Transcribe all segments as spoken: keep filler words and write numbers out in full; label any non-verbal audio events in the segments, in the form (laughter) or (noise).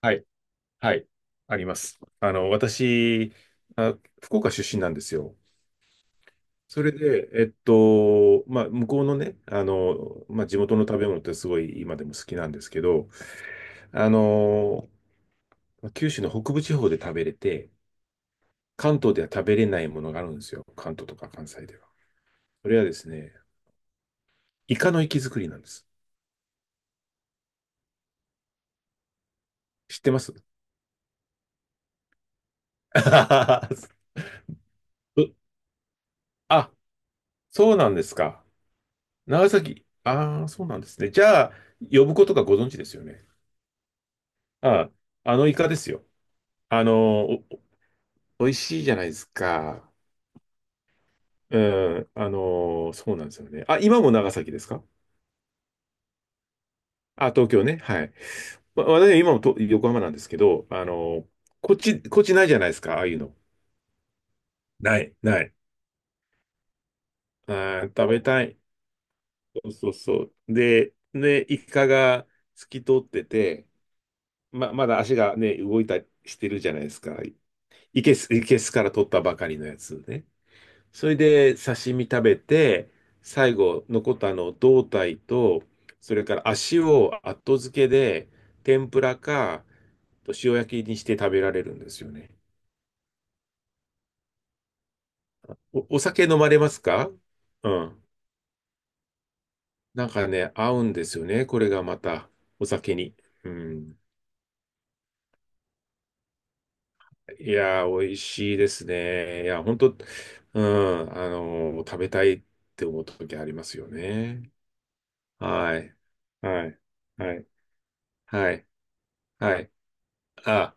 はい、はい、あります。あの、私、あ、福岡出身なんですよ。それで、えっと、まあ、向こうのね、あの、まあ、地元の食べ物ってすごい今でも好きなんですけど、あの、九州の北部地方で食べれて、関東では食べれないものがあるんですよ。関東とか関西では。それはですね、イカの活き造りなんです。知ってます？ (laughs) あ、そうなんですか。長崎。ああ、そうなんですね。じゃあ、呼ぶことがご存知ですよね。あ、あのイカですよ。あの、お、おいしいじゃないですか。うん、あの、そうなんですよね。あ、今も長崎ですか？あ、東京ね。はい。わ私は今もと横浜なんですけど、あの、こっち、こっちないじゃないですか、ああいうの。ない、ない。あー、食べたい。そうそうそう。で、ね、イカが透き通ってて、ま、まだ足がね、動いたりしてるじゃないですか。いけす、いけすから取ったばかりのやつね。それで刺身食べて、最後残ったあの胴体と、それから足を後付けで天ぷらか塩焼きにして食べられるんですよね。お、お酒飲まれますか？うん。なんかね、合うんですよね。これがまたお酒に。うん。いやー、美味しいですね。いや、本当、うん、あのー食べたいって思った時ありますよね。はい。はい。はい。はい。はい。あ、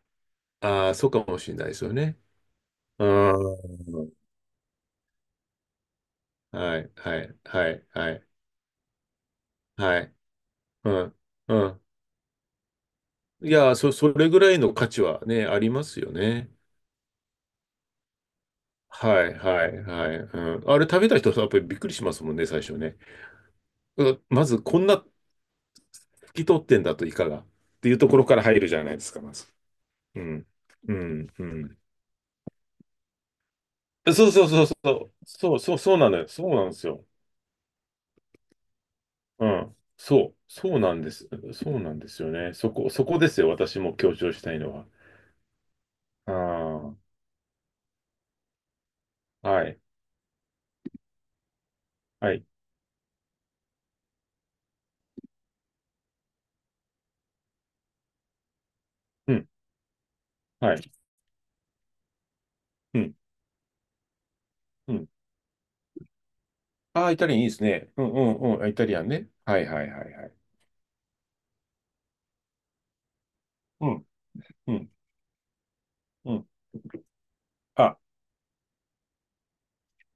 ああ、そうかもしれないですよね。うん。はい、はい、はい、はい、はい。うん、うん。いや、そ、それぐらいの価値はね、ありますよね。はい、はい、はい。うん。あれ食べた人はやっぱりびっくりしますもんね、最初ね。うまず、こんな拭き取ってんだといかがっていうところから入るじゃないですか、まず。うん、うん、うん。そうそうそうそう。そうそう、そうなのよ。そうなんですよ。うん。そう、そうなんです。そうなんですよね。そこ、そこですよ。私も強調したいのは。ああ、はい、はい、うん、はい、うん、うん。ああ、イタリアンいいですね。うん、うん、うん。イタリアンね。はい、はい、はい、はい。うん、うん、うん。あ、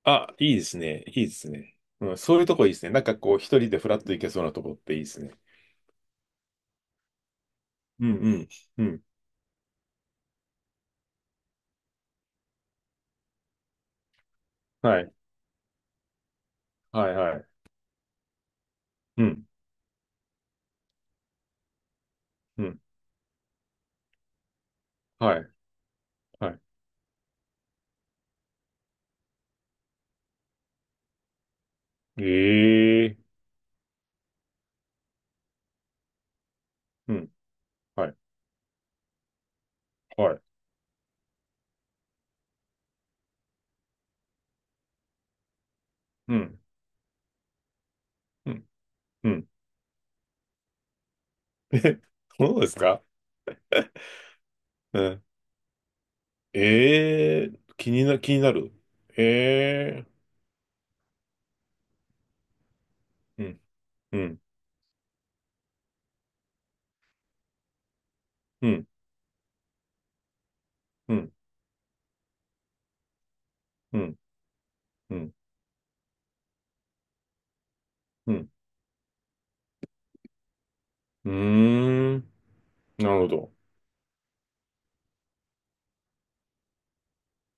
あ、いいですね。いいですね。うん、そういうとこいいですね。なんかこう、一人でフラッと行けそうなとこっていいですね。うん、うん、うん。はい、はい、はい。うん、うん、はい、はい。ええ、うん、はい、はい。うん、うん、うん。(laughs) え、そうですか？うん。ええー気にな、気になる。ええーうん、うん、うん、うん、うん、うん、うん。うーん、なるほど。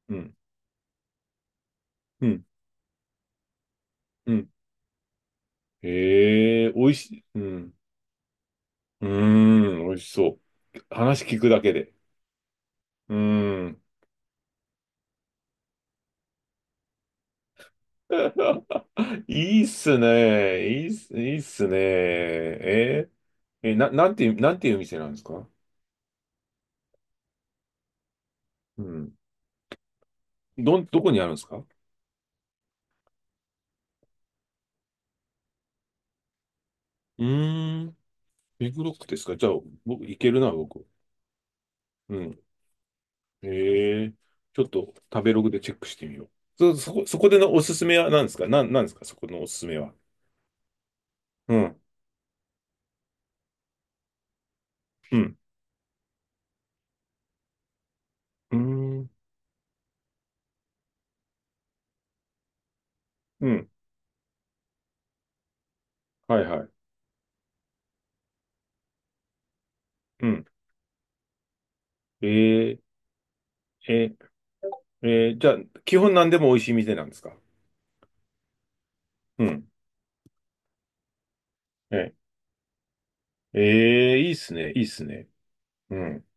うん、うん、うん。ええーおいしい。うん、うーん、おいしそう。話聞くだけで。うーん。(laughs) いいっすね。いいっす、いいっすね。えーえ、な、なんていう、なんていう店なんですか？うん。どん、どこにあるんですか？うーん。ビッグロックですか？じゃあ、僕、いけるな、僕。うん。ええちょっと食べログでチェックしてみよう。そ、そこ、そこでのおすすめは何ですか？なん、なんですかそこのおすすめは。うん。うん。うーん。うん。はいはい。うん。えええー、えーじゃあ、基本何でも美味しい店なんですか？うん。えええーいいっすね。いいっすね。うん。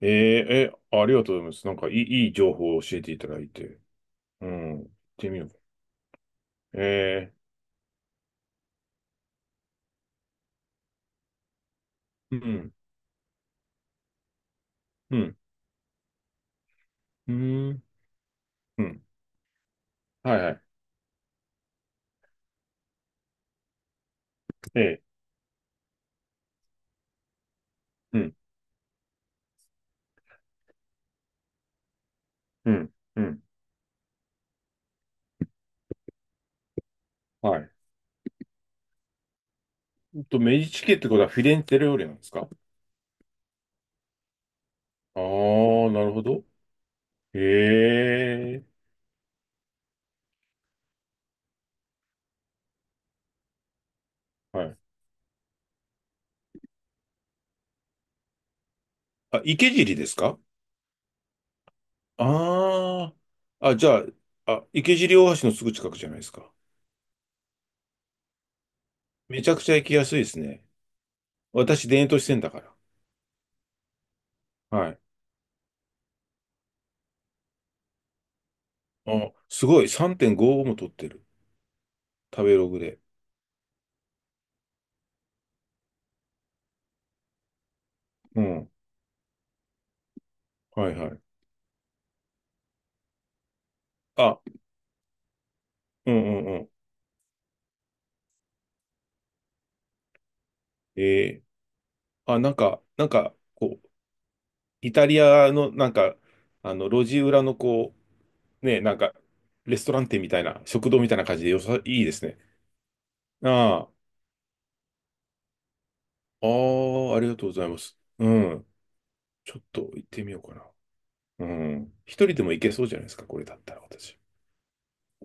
えーえーありがとうございます。なんかいい、いい情報を教えていただいて。うん。行ってみよう。ええうん。うん。うん。うんはいはい。ええ。うん。うん。うん。はい。えっと、メディチ家ってことはフィレンツェ料理なんですか？ああー、なるほど。へえ。はい。あ、池尻ですか？ああー。あ、じゃあ、あ、池尻大橋のすぐ近くじゃないですか。めちゃくちゃ行きやすいですね。私、田園都市線だから。はい。あ、すごい。さんてんごーごーも取ってる。食べログで。うん。はいはい。あ、うんうんうん。ええ。あ、なんか、なんか、こう、イタリアのなんか、あの、路地裏のこう、ね、なんか、レストラン店みたいな、食堂みたいな感じでよさ、いいですね。ああ、ああ、ありがとうございます。うん。ちょっと行ってみようかな。うん。一人でも行けそうじゃないですか、これだったら私。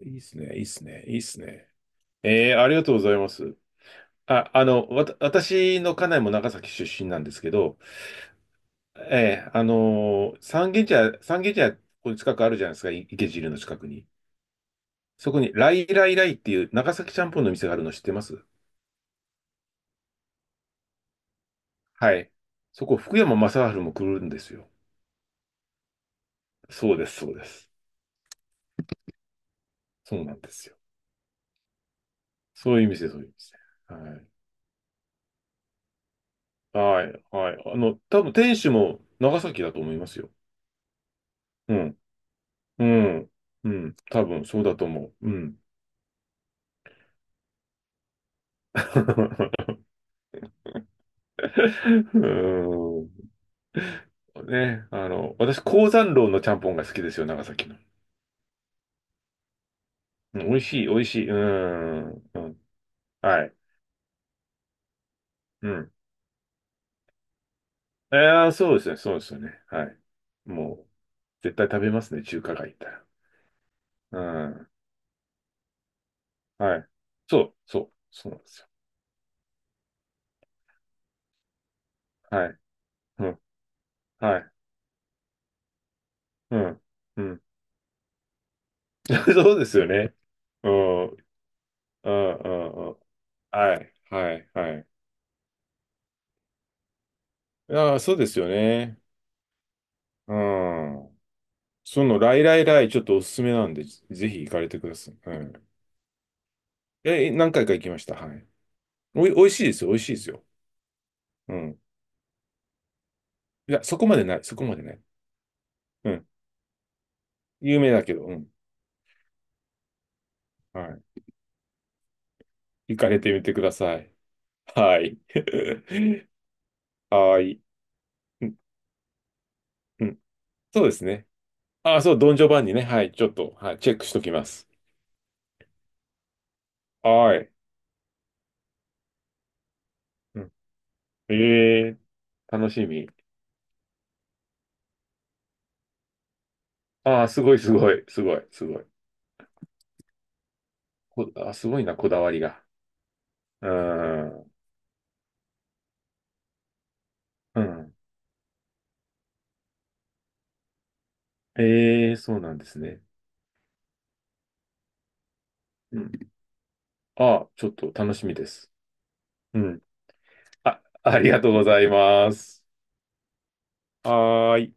いいですね、いいですね、いいですね。ええ、ありがとうございます。あ、あの、わた、私の家内も長崎出身なんですけど、ええ、あのー三軒茶屋、三軒茶屋、ここに近くあるじゃないですか、い池尻の近くに。そこに、ライライライっていう長崎ちゃんぽんの店があるの知ってます？はい。そこ、福山雅治も来るんですよ。そうです、そうです。そうなんですよ。そういう店、そういう店。はい。はい、はい。あの、多分店主も長崎だと思いますよ。うん、うん、うん。多分そうだと思う。うん。(laughs) うんね、あの、私、鉱山楼のちゃんぽんが好きですよ、長崎の。うん美味しい、美味しい。うん、うん。はい。うん。ああ、そうですね、そうですよね。はい。もう、絶対食べますね、中華街行ったら。うん。はい。そう、そう、そうなんですよ。はい。うん。はい。うん。うん。(laughs) そうですよね。うん。うん、うん、うん。はい。はい。はい。ああ、そうですよね。うん。その、ライライライ、ちょっとおすすめなんで、ぜひ行かれてください。うん。え、何回か行きました。はい。おい、美味しいですよ、美味しいですよ。うん。いや、そこまでない、そこまでない。うん。有名だけど、うん。はい行かれてみてください。はい。(laughs) はい。うんうん。そうですね。あ、そう、ドンジョバンニね。はい。ちょっと、はい、チェックしときます。はい。うんええ楽しみ。ああ、すごい、すごい、すごい、すごい。こ、あ、すごいな、こだわりが。うん。うん。ええそうなんですね。うん。ああ、ちょっと楽しみです。うん。あ、ありがとうございます。はーい。